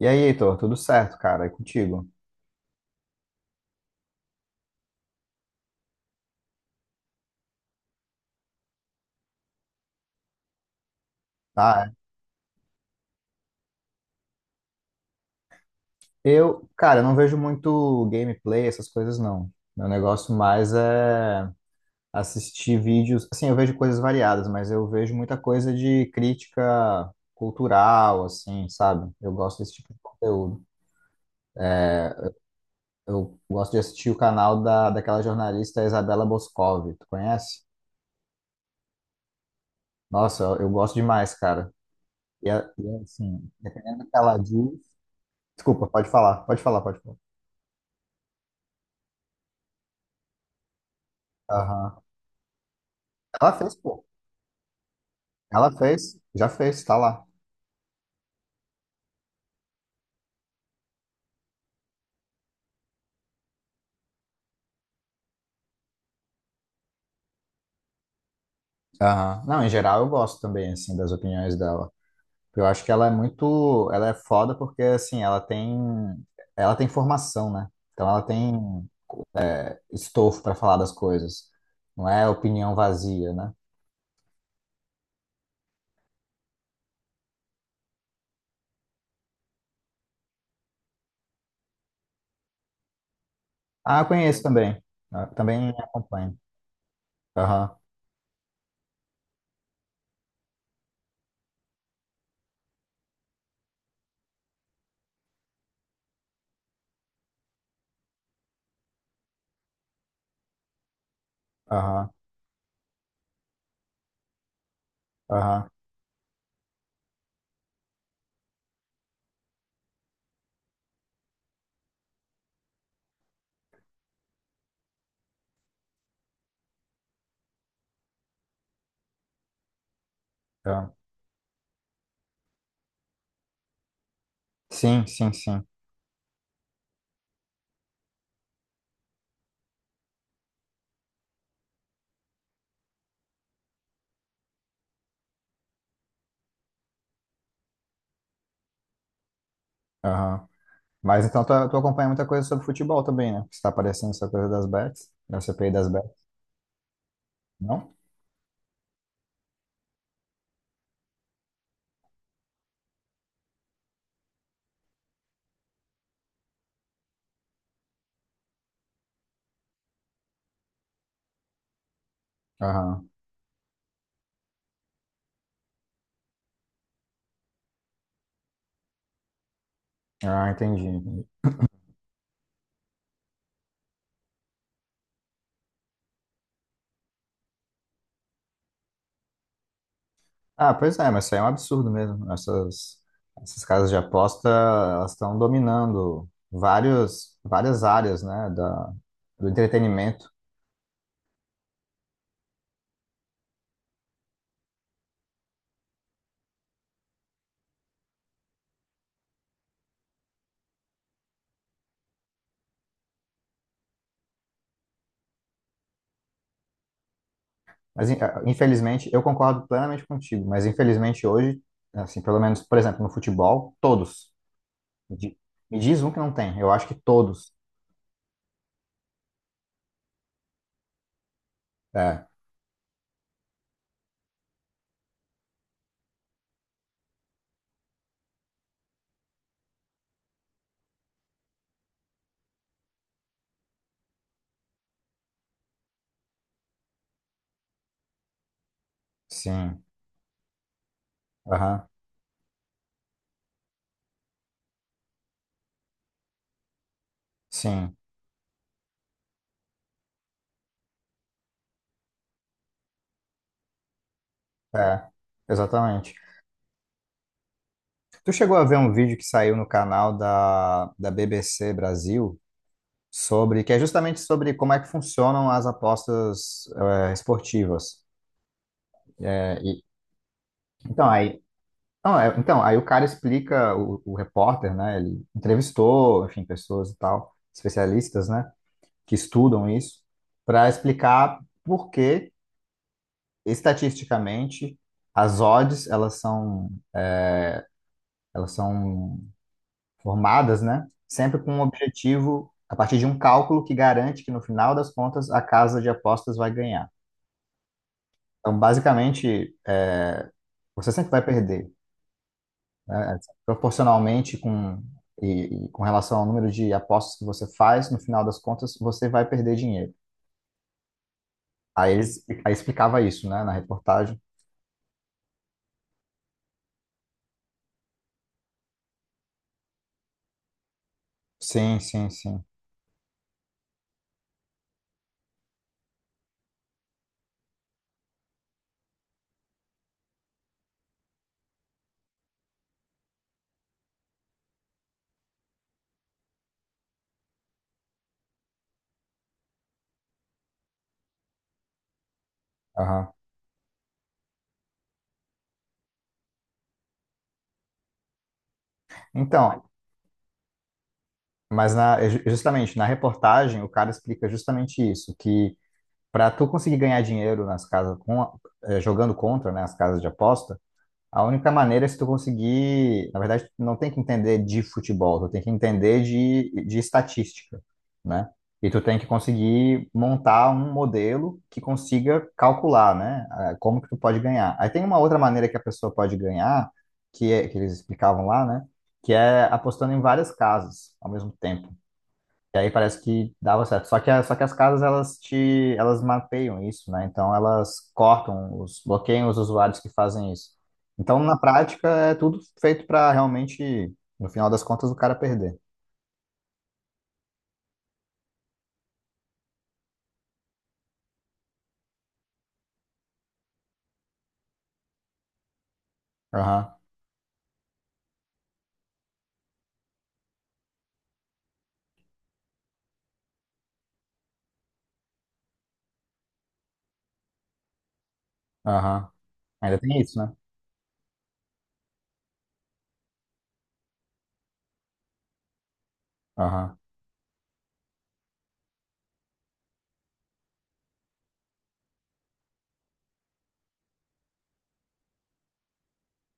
E aí, Heitor, tudo certo, cara? É contigo, tá? Eu, cara, eu não vejo muito gameplay, essas coisas não. Meu negócio mais é assistir vídeos. Assim, eu vejo coisas variadas, mas eu vejo muita coisa de crítica cultural, assim, sabe? Eu gosto desse tipo de conteúdo. Eu gosto de assistir o canal da, daquela jornalista Isabela Boscov, tu conhece? Nossa, eu gosto demais, cara. E é assim, dependendo do que ela diz. Desculpa, pode falar. Aham. Ela fez, pô. Ela fez, já fez, tá lá. Aham. Não, em geral eu gosto também, assim, das opiniões dela. Eu acho que ela é muito, ela é foda porque, assim, ela tem formação, né? Então ela tem estofo para falar das coisas. Não é opinião vazia, né? Ah, eu conheço também. Eu também acompanho. Aham, aham, aham, aham. Sim, sim, sim. Aham. Mas então tu acompanha muita coisa sobre futebol também, né? Porque você tá aparecendo essa coisa das bets, da CPI das bets, não? Aham. Ah, entendi. Entendi. Ah, pois é, mas isso aí é um absurdo mesmo. Essas, essas casas de aposta, elas estão dominando vários, várias áreas, né, da, do entretenimento. Mas, infelizmente, eu concordo plenamente contigo, mas infelizmente hoje, assim, pelo menos, por exemplo, no futebol, todos. Me di- Me diz um que não tem. Eu acho que todos. É, sim. Aham, sim. É, exatamente. Tu chegou a ver um vídeo que saiu no canal da, da BBC Brasil? Sobre que é justamente sobre como é que funcionam as apostas esportivas. É, e- então aí, não, é- Então aí o cara explica, o repórter, né? Ele entrevistou, enfim, pessoas e tal, especialistas, né, que estudam isso, para explicar por que estatisticamente as odds elas são formadas, né? Sempre com um objetivo a partir de um cálculo que garante que no final das contas a casa de apostas vai ganhar. Então, basicamente, é, você sempre vai perder, né? Proporcionalmente com, e com relação ao número de apostas que você faz, no final das contas, você vai perder dinheiro. Aí eles, aí explicava isso, né, na reportagem. Sim, sim, sim. Aham. Então, justamente na reportagem, o cara explica justamente isso, que para tu conseguir ganhar dinheiro nas casas jogando contra, né, as casas de aposta, a única maneira é se tu conseguir, na verdade, tu não tem que entender de futebol, tu tem que entender de estatística, né? E tu tem que conseguir montar um modelo que consiga calcular, né? Como que tu pode ganhar. Aí tem uma outra maneira que a pessoa pode ganhar, que é, que eles explicavam lá, né? Que é apostando em várias casas ao mesmo tempo. E aí parece que dava certo. Só que as casas, elas mapeiam isso, né? Então elas cortam, os, bloqueiam os usuários que fazem isso. Então, na prática, é tudo feito para realmente, no final das contas, o cara perder. Aham, aham. Ainda tem isso, né? Aham.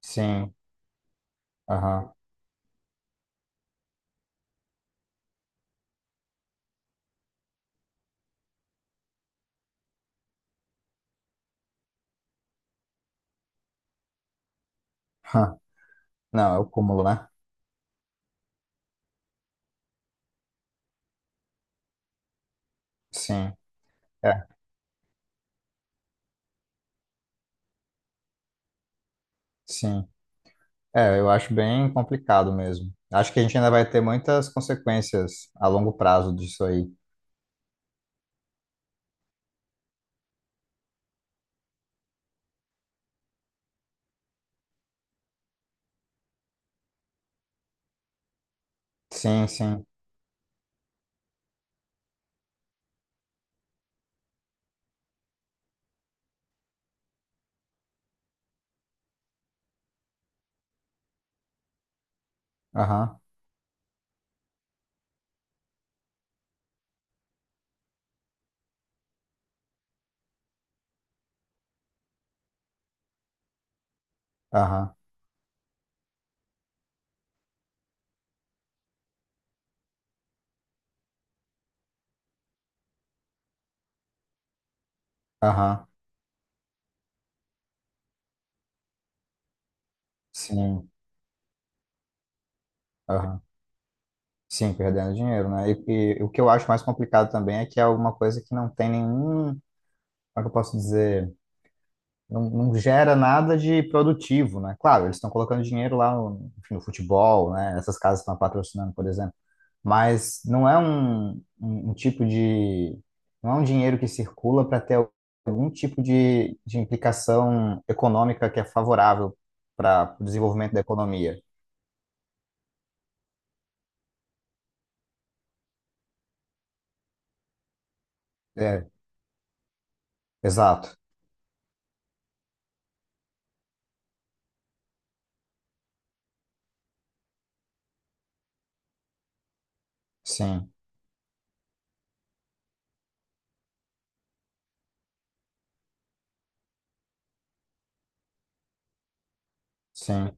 Sim, aham. Não, é o cúmulo, né? Sim, é, sim. É, eu acho bem complicado mesmo. Acho que a gente ainda vai ter muitas consequências a longo prazo disso aí. Sim, sim. Aham, aham, aham. Sim, aham. Sim, perdendo dinheiro, né? E o que eu acho mais complicado também é que é alguma coisa que não tem nenhum, como é que eu posso dizer, não, não gera nada de produtivo, né? Claro, eles estão colocando dinheiro lá no, enfim, no futebol, né? Essas casas estão patrocinando, por exemplo, mas não é um, um, um tipo de, não é um dinheiro que circula para ter algum tipo de implicação econômica que é favorável para o desenvolvimento da economia. É, exato. Sim, sim.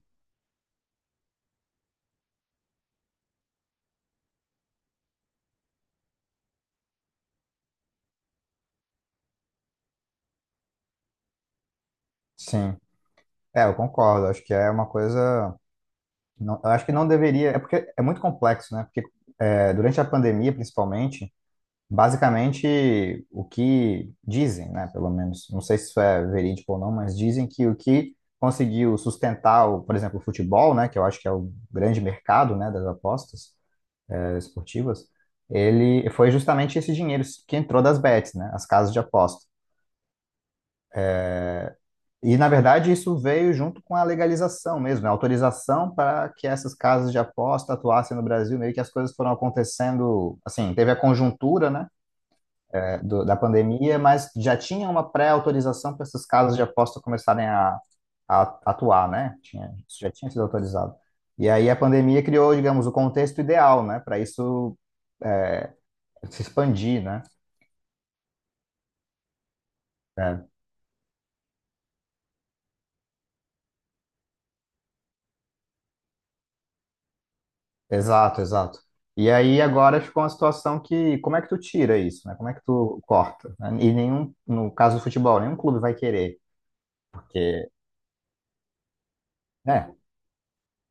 Sim, é, eu concordo. Acho que é uma coisa. Eu acho que não deveria. É porque é muito complexo, né? Porque é, durante a pandemia, principalmente, basicamente o que dizem, né? Pelo menos, não sei se isso é verídico ou não, mas dizem que o que conseguiu sustentar, o, por exemplo, o futebol, né? Que eu acho que é o grande mercado, né? Das apostas é, esportivas, ele foi justamente esse dinheiro que entrou das bets, né? As casas de aposta. E, na verdade, isso veio junto com a legalização mesmo, né? Autorização para que essas casas de aposta atuassem no Brasil, meio que as coisas foram acontecendo, assim, teve a conjuntura, né, é, da pandemia, mas já tinha uma pré-autorização para essas casas de aposta começarem a atuar, né? Tinha, isso já tinha sido autorizado. E aí a pandemia criou, digamos, o contexto ideal, né, para isso se expandir, né? É, exato, exato. E aí agora ficou uma situação que como é que tu tira isso, né? Como é que tu corta, né? E nenhum, no caso do futebol, nenhum clube vai querer, porque, né?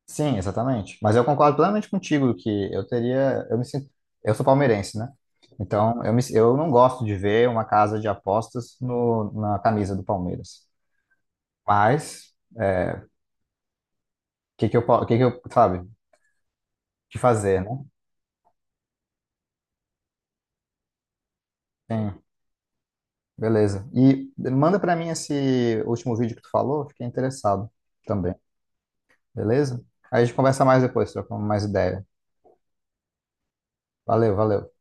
Sim, exatamente. Mas eu concordo plenamente contigo que eu teria, eu me sinto, eu sou palmeirense, né? Então eu me, eu não gosto de ver uma casa de apostas no, na camisa do Palmeiras. Mas o que que eu, sabe, o que fazer, né? Sim, beleza. E manda pra mim esse último vídeo que tu falou, fiquei interessado também. Beleza? Aí a gente conversa mais depois, trocamos mais ideia. Valeu, valeu.